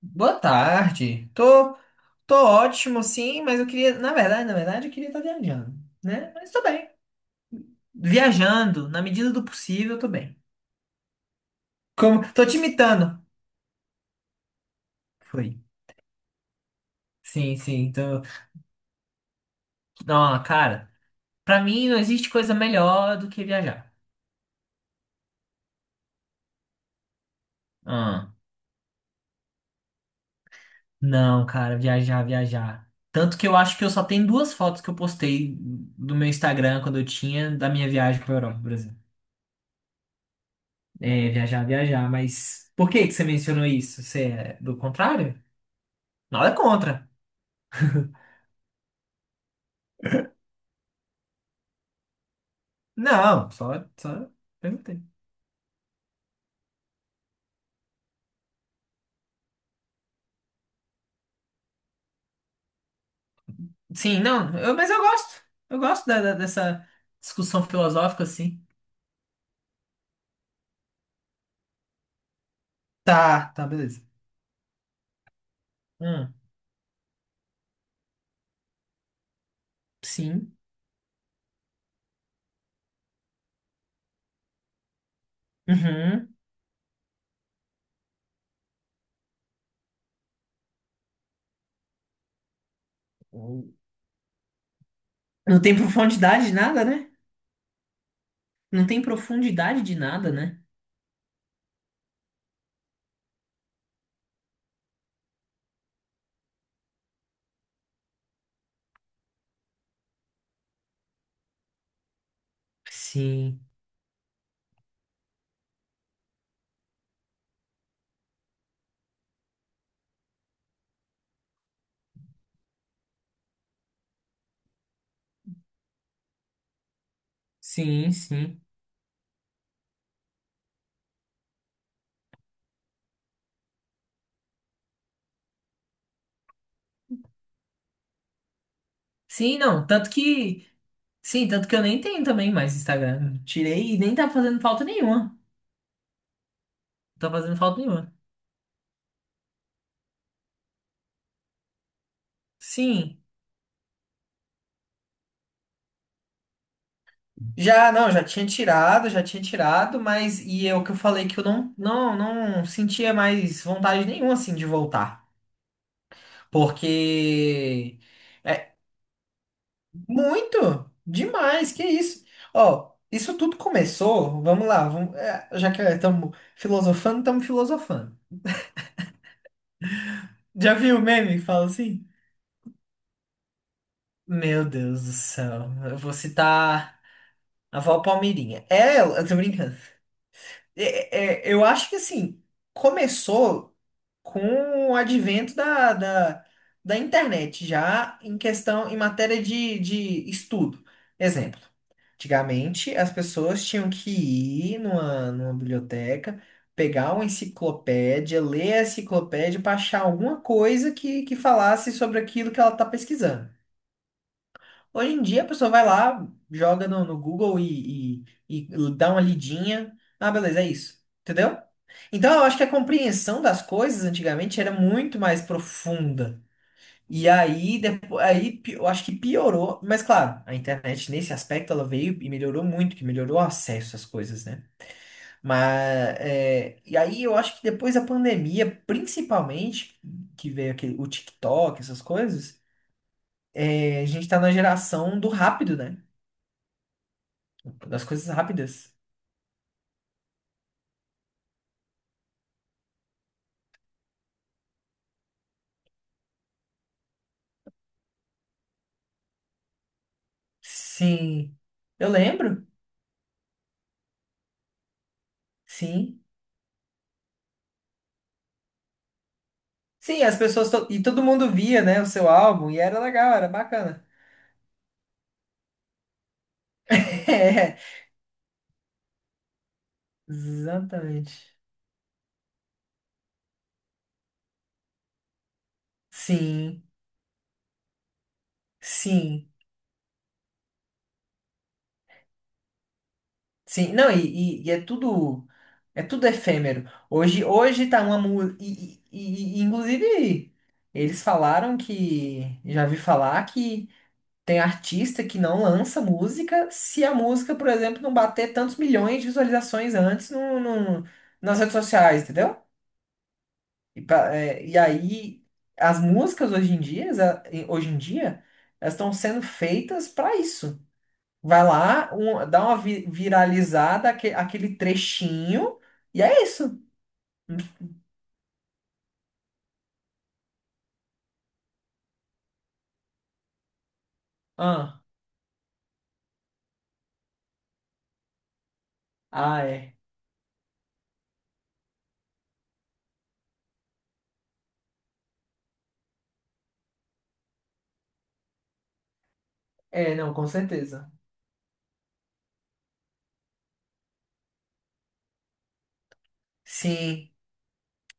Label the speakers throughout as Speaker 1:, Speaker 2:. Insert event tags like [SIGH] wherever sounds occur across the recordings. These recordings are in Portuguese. Speaker 1: Boa tarde. Tô ótimo, sim, mas eu queria, na verdade, eu queria estar viajando, né? Mas tô bem. Viajando, na medida do possível, eu tô bem. Como, tô te imitando. Foi. Sim, sim, tô. Não, cara, pra mim não existe coisa melhor do que viajar. Ah, não, cara, viajar, viajar. Tanto que eu acho que eu só tenho duas fotos que eu postei do meu Instagram quando eu tinha da minha viagem pra Europa, por exemplo. É, viajar, viajar, mas por que que você mencionou isso? Você é do contrário? Nada contra. Não, só perguntei. Sim, não, mas eu gosto. Eu gosto dessa discussão filosófica, assim. Tá, tá, beleza. Hum, sim. Uhum. Não tem profundidade de nada, né? Não tem profundidade de nada, né? Sim, sim, sim. Sim, não, tanto que. Sim, tanto que eu nem tenho também mais Instagram. Tirei e nem tá fazendo falta nenhuma. Não tá fazendo falta nenhuma. Sim. Já, não, já tinha tirado, mas e é o que eu falei que eu não sentia mais vontade nenhuma assim de voltar, porque é muito demais, que isso? Ó, isso tudo começou, vamos lá, já que estamos filosofando, estamos filosofando. Já viu o meme que fala assim? Meu Deus do céu, eu vou citar a avó Palmeirinha. É, eu tô brincando. É, é, eu acho que assim, começou com o advento da internet, já em questão, em matéria de estudo. Exemplo, antigamente as pessoas tinham que ir numa biblioteca, pegar uma enciclopédia, ler a enciclopédia para achar alguma coisa que falasse sobre aquilo que ela está pesquisando. Hoje em dia a pessoa vai lá, joga no Google e dá uma lidinha. Ah, beleza, é isso. Entendeu? Então eu acho que a compreensão das coisas antigamente era muito mais profunda. E aí, eu acho que piorou. Mas claro, a internet nesse aspecto ela veio e melhorou muito, que melhorou o acesso às coisas, né? Mas é, e aí eu acho que depois da pandemia, principalmente, que veio aquele, o TikTok, essas coisas, a gente tá na geração do rápido, né? Das coisas rápidas. Sim. Eu lembro. Sim. Sim, e todo mundo via, né, o seu álbum. E era legal, era bacana. [LAUGHS] É, exatamente. Sim, sim, sim. Não, e é tudo. É tudo efêmero. Hoje tá uma música. Inclusive, eles falaram que. Já vi falar que. Tem artista que não lança música se a música, por exemplo, não bater tantos milhões de visualizações antes nas redes sociais, entendeu? E aí, as músicas hoje em dia, elas estão sendo feitas para isso. Vai lá, dá uma viralizada, aquele trechinho, e é isso. Ah, ah, é. É, não, com certeza. Sim.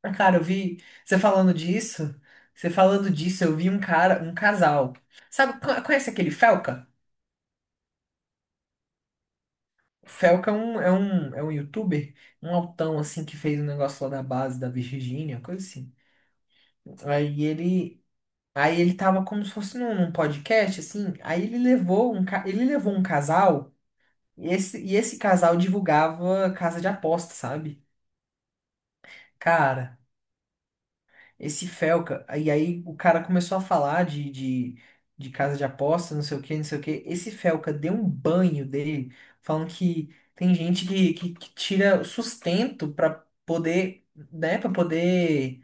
Speaker 1: Ah, cara, eu vi você falando disso. Você falando disso, eu vi um cara, um casal. Sabe, conhece aquele Felca? O Felca é um, youtuber, um altão assim que fez um negócio lá da base da Virgínia, coisa assim. Aí ele, aí ele tava como se fosse num podcast assim. Aí ele levou um casal e esse casal divulgava casa de aposta, sabe? Cara. Esse Felca. E aí o cara começou a falar de casa de aposta, não sei o que, não sei o que. Esse Felca deu um banho dele, falando que tem gente que tira o sustento pra poder, né, para poder,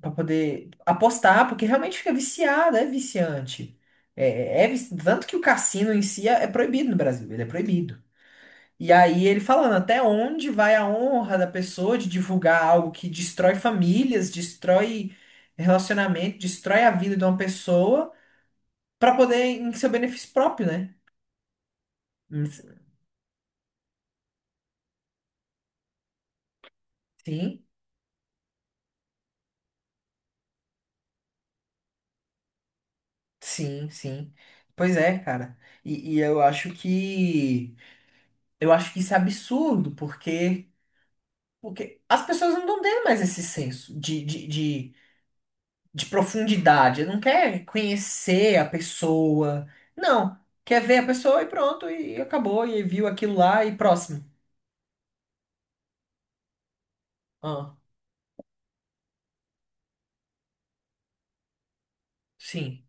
Speaker 1: para poder apostar, porque realmente fica viciado, é viciante. Tanto que o cassino em si é proibido no Brasil, ele é proibido. E aí ele falando até onde vai a honra da pessoa de divulgar algo que destrói famílias, destrói relacionamento, destrói a vida de uma pessoa para poder em seu benefício próprio, né? Hum, sim, sim, sim. Pois é, cara. E eu acho que isso é absurdo, porque as pessoas não estão tendo mais esse senso de profundidade. Não quer conhecer a pessoa. Não. Quer ver a pessoa e pronto, e acabou, e viu aquilo lá e próximo. Ah, sim.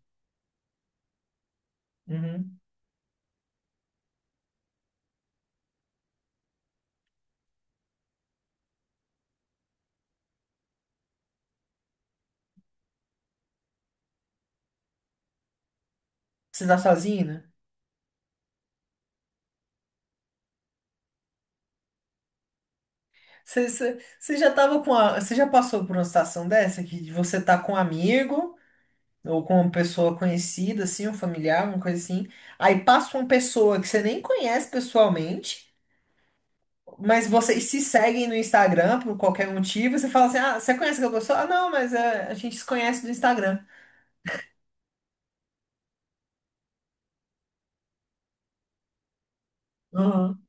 Speaker 1: Uhum. Você tá sozinho, né? Você, você, você já tava com a, você já passou por uma situação dessa que você tá com um amigo ou com uma pessoa conhecida, assim, um familiar, uma coisa assim. Aí passa uma pessoa que você nem conhece pessoalmente. Mas vocês se seguem no Instagram por qualquer motivo, e você fala assim, ah, você conhece aquela pessoa? Ah, não, mas é, a gente se conhece do Instagram. Aham.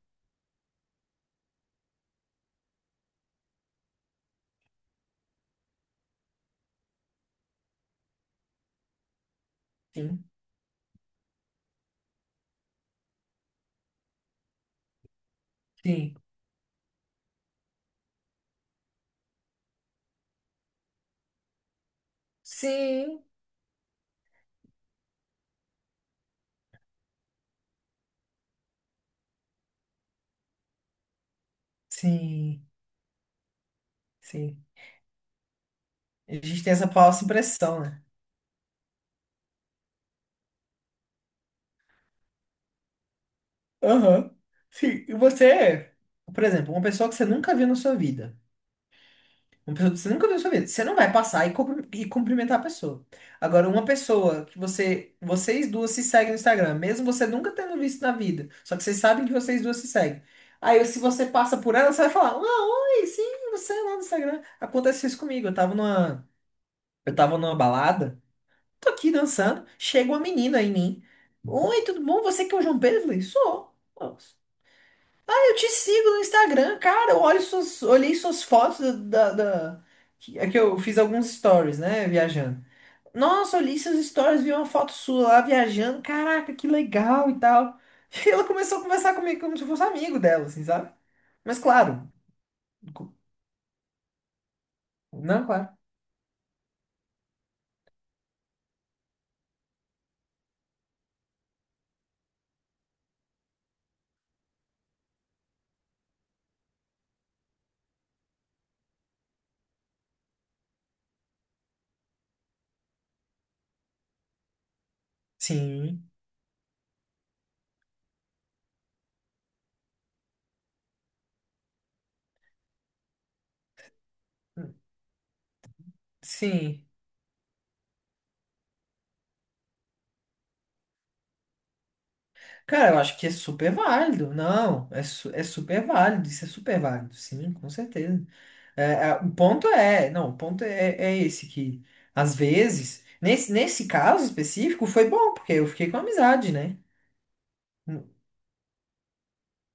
Speaker 1: Sim, sim. Sim, sim, sim. A gente tem essa falsa impressão, né? Aham. Sim. E você, por exemplo, uma pessoa que você nunca viu na sua vida. Uma pessoa que você nunca viu na sua vida. Você não vai passar e cumprimentar a pessoa. Agora, uma pessoa que vocês duas se seguem no Instagram, mesmo você nunca tendo visto na vida, só que vocês sabem que vocês duas se seguem. Aí, se você passa por ela, você vai falar: Ah, oi, sim, você lá no Instagram. Acontece isso comigo. Eu tava numa balada, tô aqui dançando, chega uma menina em mim. Oi, tudo bom? Você que é o João Pedro? Eu falei, sou. Eu te sigo no Instagram, cara. Eu olhei suas fotos da, da- é que eu fiz alguns stories, né? Viajando. Nossa, olhei seus stories, vi uma foto sua lá viajando. Caraca, que legal e tal. [LAUGHS] E ela começou a conversar comigo como se eu fosse amigo dela, assim, sabe? Mas claro, co- não, claro. Sim, sim. Cara, eu acho que é super válido. Não, é super válido. Isso é super válido. Sim, com certeza. É, o ponto é, não, o ponto é, é esse, que às vezes, nesse caso específico, foi bom, porque eu fiquei com amizade, né?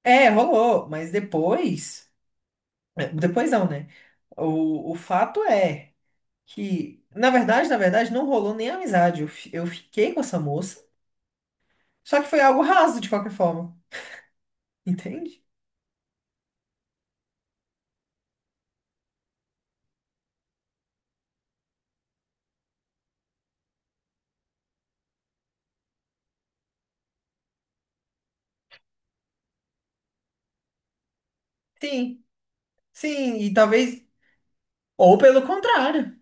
Speaker 1: É, rolou, mas depois, depois não, né? O fato é que, na verdade, não rolou nem amizade. Eu fiquei com essa moça, só que foi algo raso de qualquer forma, entende? Sim, sim, e talvez, ou pelo contrário.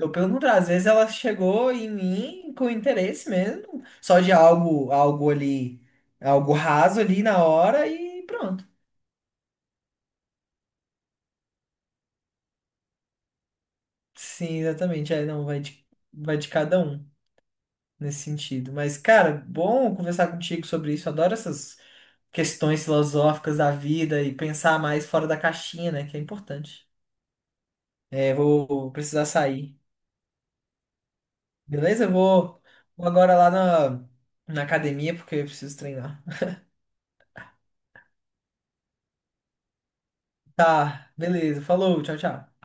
Speaker 1: Ou pelo contrário, às vezes ela chegou em mim com interesse mesmo, só de algo ali, algo raso ali na hora e pronto. Sim, exatamente. É, não, vai de cada um nesse sentido. Mas, cara, bom conversar contigo sobre isso. Adoro essas questões filosóficas da vida e pensar mais fora da caixinha, né? Que é importante. É, vou precisar sair. Beleza? Eu vou agora lá na academia porque eu preciso treinar. Tá, beleza. Falou, tchau, tchau.